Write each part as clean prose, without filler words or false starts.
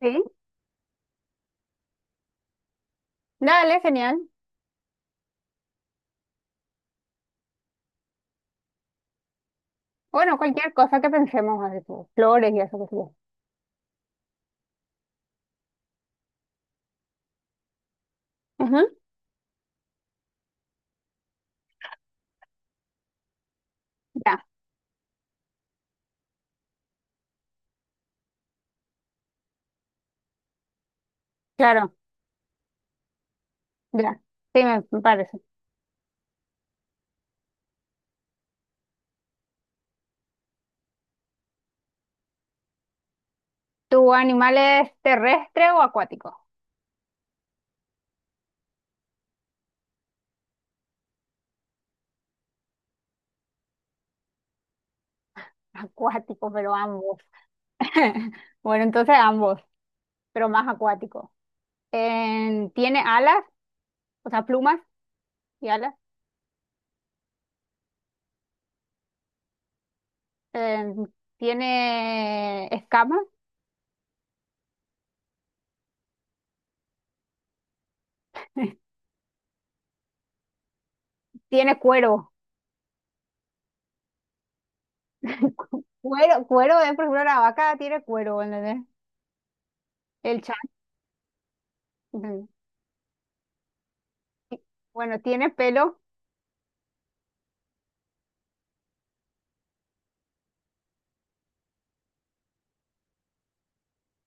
Sí, dale, genial. Bueno, cualquier cosa que pensemos, así como flores y eso que sea. Ujú. Ya, claro, ya. Sí, me parece. ¿Tu animal es terrestre o acuático? Acuático, pero ambos. Bueno, entonces ambos, pero más acuático. ¿Tiene alas? O sea, plumas y alas. Em, ¿Tiene escamas? Tiene cuero. Cuero, cuero, por ejemplo, la vaca tiene cuero, ¿entendés? El chat. Bueno, tiene pelo.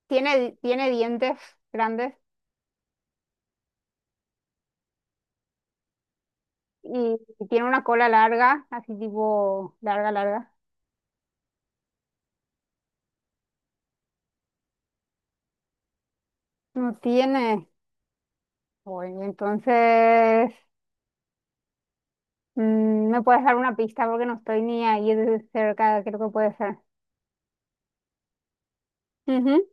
Tiene dientes grandes, y tiene una cola larga, así tipo larga, larga. No tiene. Bueno, entonces, ¿me puedes dar una pista? Porque no estoy ni ahí de cerca, creo que puede ser. Ujú.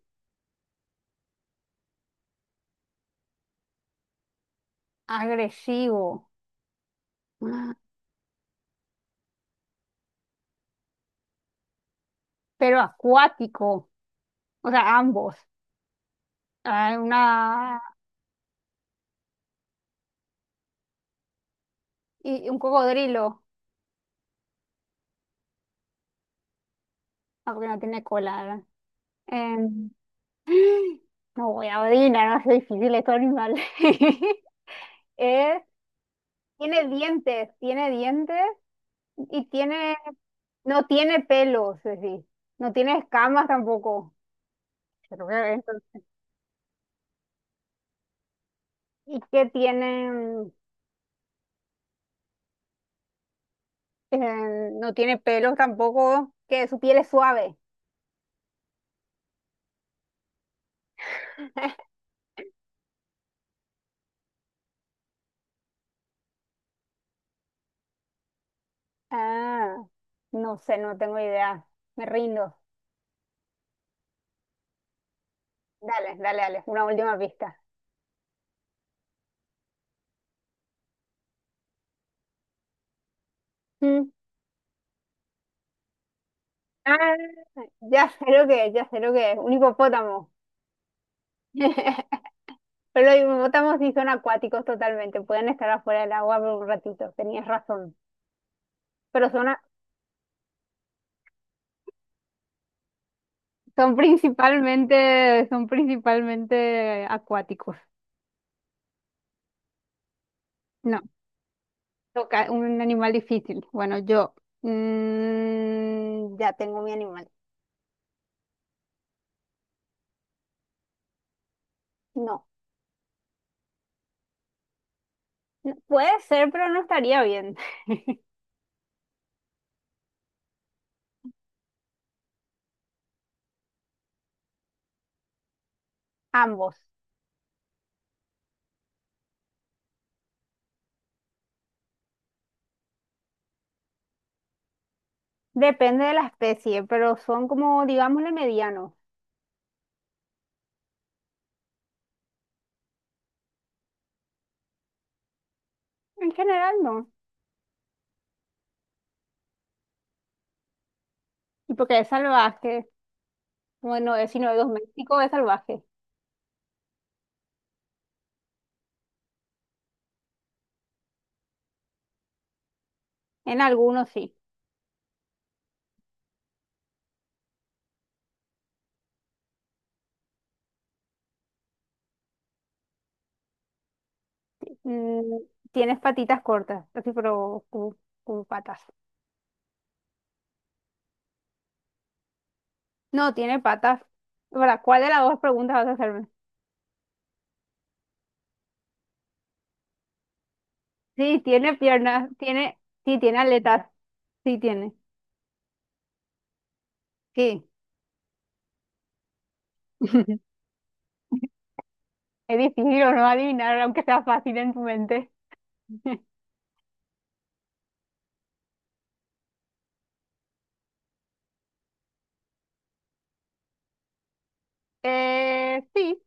Agresivo. Ah, pero acuático, o sea, ambos. Ah, una. ¿Y un cocodrilo? Ah, porque no tiene cola, ¿verdad? Em, no voy a odiar, no es difícil estos animales. Es. Tiene dientes y tiene, no tiene pelos, es decir, no tiene escamas tampoco. Pero que entonces- y que tiene, no tiene pelos tampoco, que su piel es suave. Ah, no sé, no tengo idea. Me rindo. Dale, dale, dale, una última pista. Mm. Ah, ya sé lo que es, ya sé lo que es, un hipopótamo. Pero los hipopótamos sí son acuáticos totalmente, pueden estar afuera del agua por un ratito, tenías razón. Pero son, son principalmente acuáticos. No, toca un animal difícil. Bueno, yo ya tengo mi animal. No, no, puede ser, pero no estaría bien. Ambos. Depende de la especie, pero son como, digámosle, medianos. En general no. Y porque es salvaje. Bueno, es, si no es doméstico, es salvaje. En algunos sí. Mm, Tienes patitas cortas, así, pero como patas. No, tiene patas. ¿Para cuál de las dos preguntas vas a hacerme? Sí, tiene piernas, tiene, sí, tiene aletas, sí tiene. Sí. Es difícil o no adivinar, aunque sea fácil en tu mente. Sí,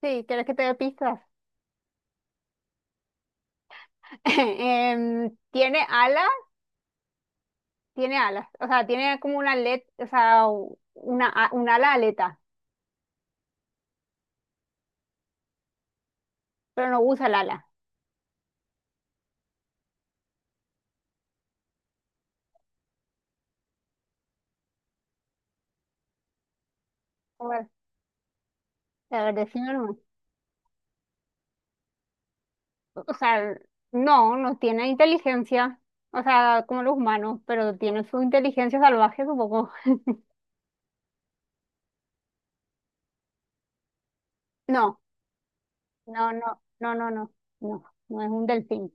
sí, ¿quieres que te dé pistas? Tiene alas, tiene alas, o sea, tiene como una aleta, o sea, un ala aleta, pero no usa el ala. A ver, a ver, decime, o sea, no, no tiene inteligencia, o sea, como los humanos, pero tiene su inteligencia salvaje, supongo. No, no, no, no, no, no, no, no es un delfín.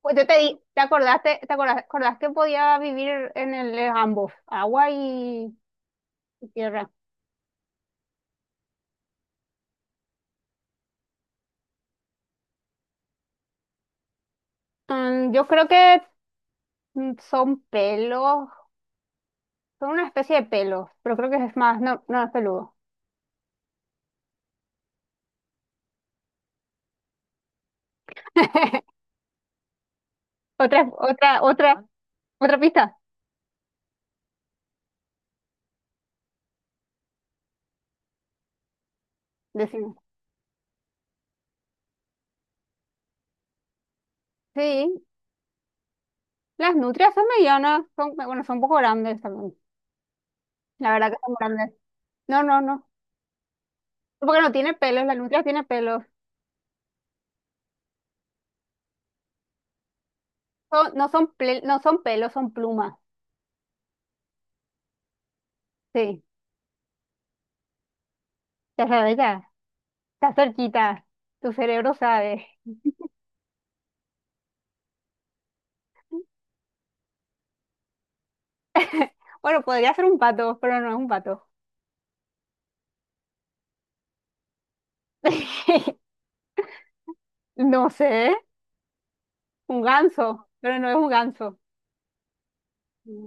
Pues yo te di, ¿te acordaste, te acorda- acordás, que podía vivir en el en ambos, agua y tierra? Yo creo que son pelos, son una especie de pelos, pero creo que es más, no, no es peludo. Otra, otra, otra, otra pista, decimos. Sí, las nutrias son medianas, son, bueno, son un poco grandes también. La verdad que son grandes. No, no, no. Porque no tiene pelos, la nutria tiene pelos. No son pelos, son plumas. Sí, ya sabes, ya. Está cerquita. Tu cerebro sabe. Bueno, podría ser un pato, pero no es un pato. No sé, un ganso, pero no es un ganso.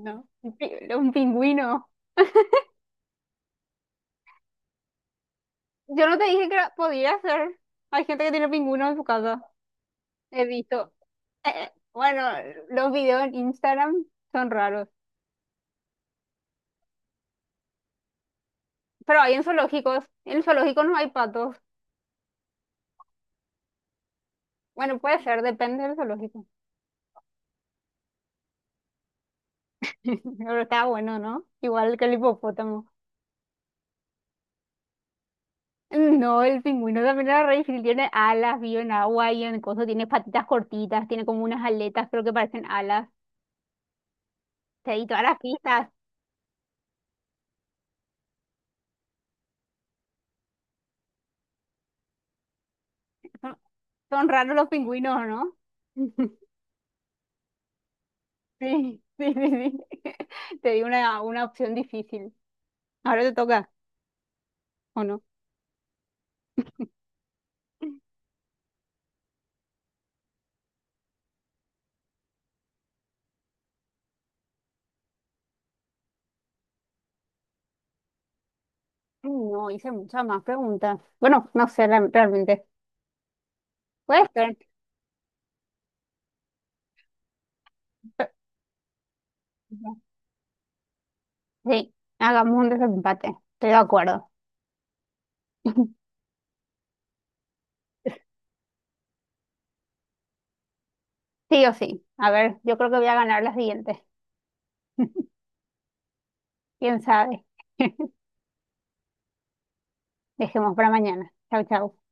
No, un pingüino. Yo no te dije que podía ser. Hay gente que tiene pingüinos en su casa. He visto. Bueno, los videos en Instagram son raros, pero hay en zoológicos. En el zoológico no hay patos. Bueno, puede ser, depende del zoológico. Pero está bueno, ¿no? Igual que el hipopótamo. No, el pingüino también era re difícil. Tiene alas, vive en agua y en cosas. Tiene patitas cortitas, tiene como unas aletas, creo que parecen alas. Sí, y todas las pistas. Son, son raros los pingüinos, ¿no? Sí, sí, sí, sí. Te di una opción difícil. Ahora te toca, ¿o no? No, hice muchas más preguntas. Bueno, no sé realmente. Puede ser. Pe- Sí, hagamos un desempate. Estoy de acuerdo. Sí o sí. A ver, yo creo que voy a ganar las siguientes. ¿Quién sabe? Dejemos para mañana. Chau, chau.